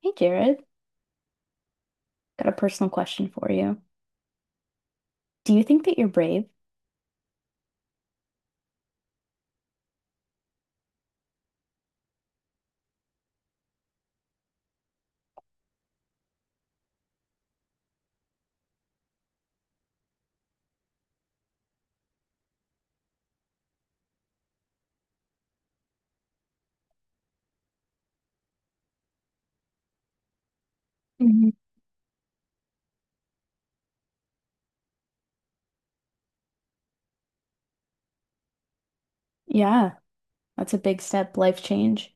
Hey Jared, got a personal question for you. Do you think that you're brave? Mhm. Yeah, that's a big step, life change.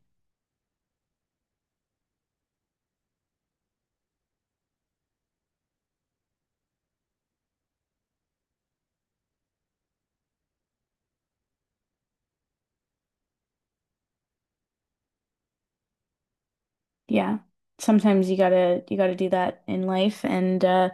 Yeah. Sometimes you gotta do that in life, and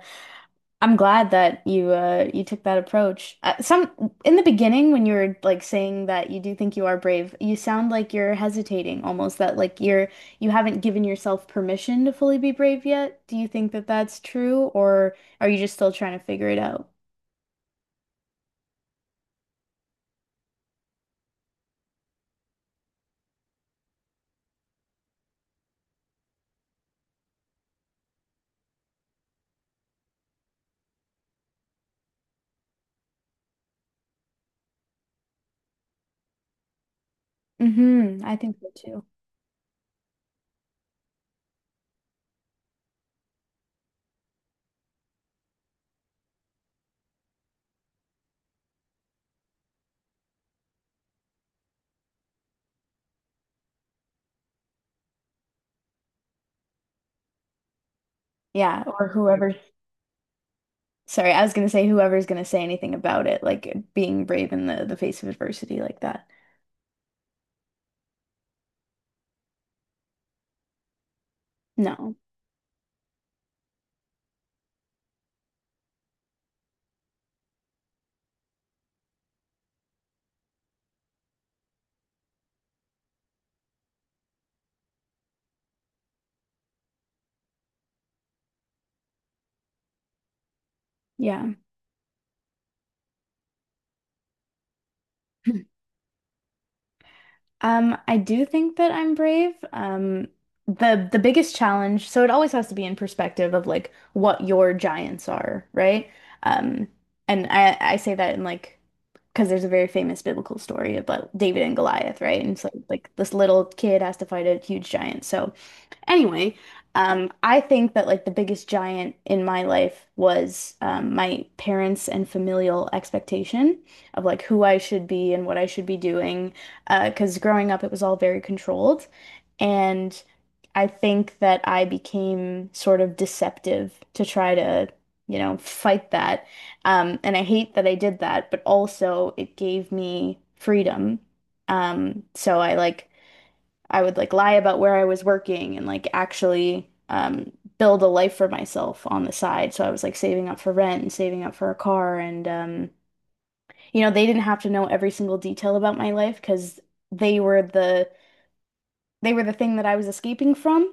I'm glad that you you took that approach. Some In the beginning when you were like saying that you do think you are brave, you sound like you're hesitating almost, that like you haven't given yourself permission to fully be brave yet. Do you think that that's true, or are you just still trying to figure it out? Mm-hmm. I think so too. Yeah, or whoever. Sorry, I was gonna say whoever's gonna say anything about it, like being brave in the face of adversity like that. No. Yeah. I do think that I'm brave. The biggest challenge, so it always has to be in perspective of like what your giants are, right? Um, and I say that in like, because there's a very famous biblical story about David and Goliath, right? And so this little kid has to fight a huge giant. So anyway, I think that like the biggest giant in my life was my parents and familial expectation of like who I should be and what I should be doing. 'Cause growing up, it was all very controlled. And I think that I became sort of deceptive to try to, fight that. And I hate that I did that, but also it gave me freedom. So I would like lie about where I was working, and like actually build a life for myself on the side. So I was like saving up for rent and saving up for a car. And, you know, they didn't have to know every single detail about my life, because they were the they were the thing that I was escaping from.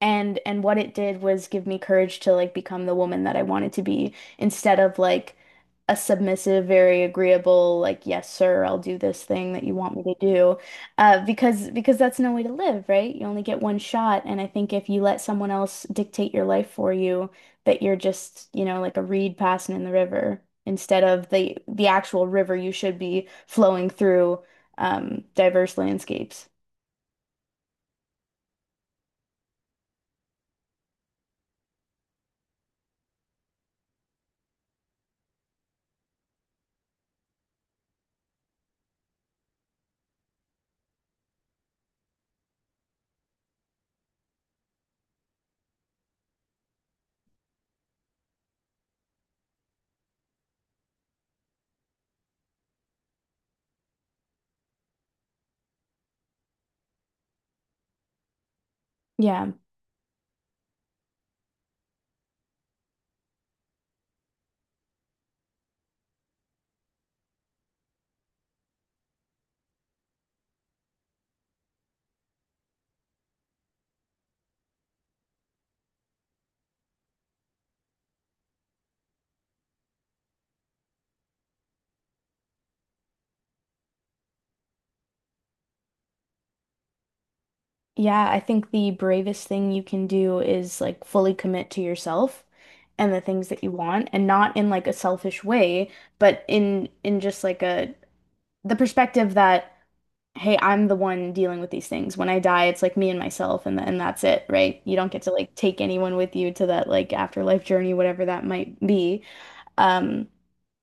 And what it did was give me courage to like become the woman that I wanted to be instead of like a submissive, very agreeable, like, yes, sir, I'll do this thing that you want me to do. Because that's no way to live, right? You only get one shot. And I think if you let someone else dictate your life for you, that you're just, you know, like a reed passing in the river instead of the actual river you should be flowing through, diverse landscapes. Yeah. Yeah, I think the bravest thing you can do is like fully commit to yourself and the things that you want, and not in like a selfish way, but in just like a the perspective that hey, I'm the one dealing with these things. When I die, it's like me and myself, and that's it, right? You don't get to like take anyone with you to that like afterlife journey, whatever that might be. Um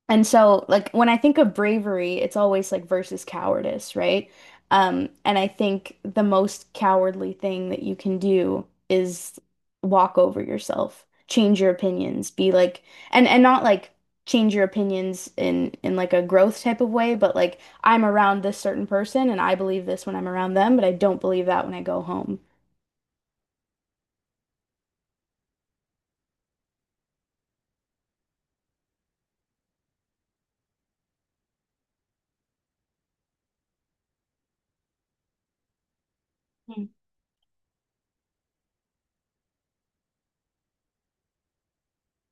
and so, like, when I think of bravery, it's always like versus cowardice, right? And I think the most cowardly thing that you can do is walk over yourself, change your opinions, be like, and not like change your opinions in like a growth type of way, but like I'm around this certain person and I believe this when I'm around them, but I don't believe that when I go home. Hmm.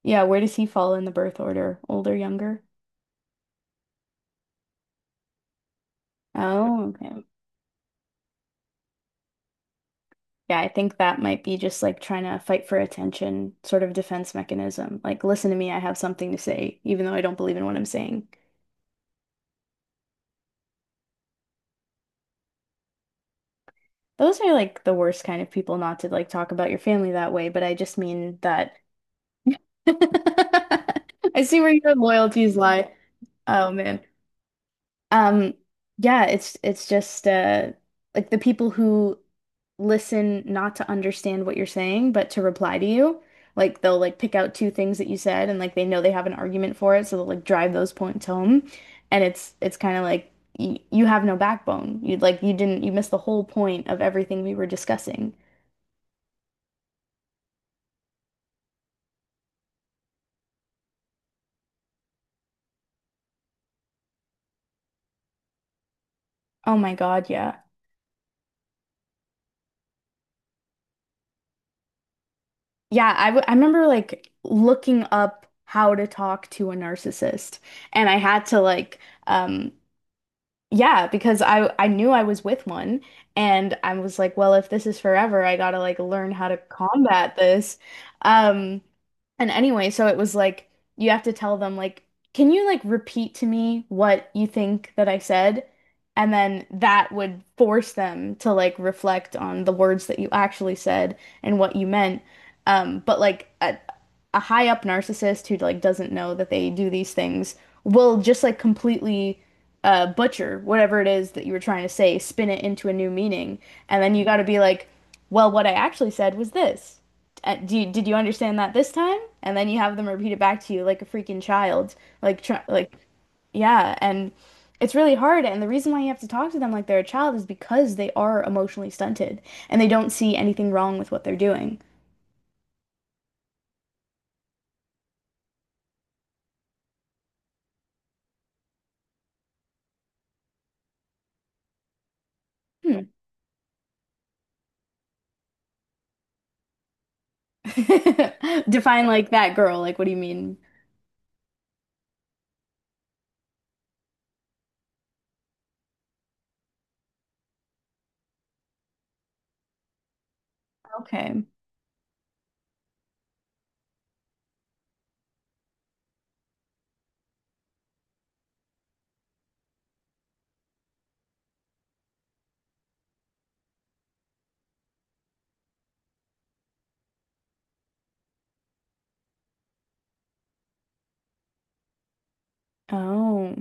Yeah, where does he fall in the birth order? Older, younger? Oh, okay. Yeah, I think that might be just like trying to fight for attention, sort of defense mechanism. Like, listen to me, I have something to say, even though I don't believe in what I'm saying. Those are like the worst kind of people, not to like talk about your family that way, but I just mean that. I see where your loyalties lie. Oh man. Um, yeah, it's just like the people who listen not to understand what you're saying, but to reply to you. Like they'll like pick out two things that you said, and like they know they have an argument for it, so they'll like drive those points home. And it's kind of like y you have no backbone. You like you didn't you missed the whole point of everything we were discussing. Oh my God, yeah. Yeah, I remember like looking up how to talk to a narcissist, and I had to like, um yeah, because I knew I was with one, and I was like, well, if this is forever, I gotta like learn how to combat this. Um and anyway, so it was like you have to tell them like, can you like repeat to me what you think that I said? And then that would force them to like reflect on the words that you actually said, and what you meant. But like, a high up narcissist who like doesn't know that they do these things will just like completely butcher whatever it is that you were trying to say, spin it into a new meaning, and then you got to be like, well, what I actually said was this. Did you understand that this time? And then you have them repeat it back to you like a freaking child, like try, like yeah, and it's really hard. And the reason why you have to talk to them like they're a child is because they are emotionally stunted, and they don't see anything wrong with what they're doing. Hmm. Define like that girl. Like, what do you mean? Okay. Oh,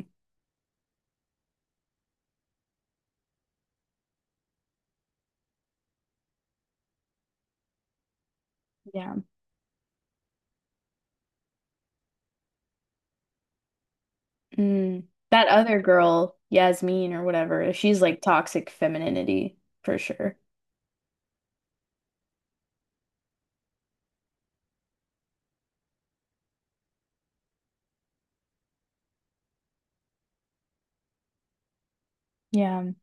yeah. Mm. That other girl, Yasmin or whatever, she's like toxic femininity for sure. Yeah.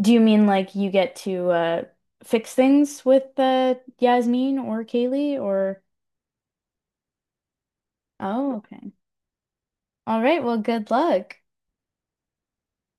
Do you mean like you get to fix things with Yasmin, or Kaylee, or? Oh, okay. All right. Well, good luck.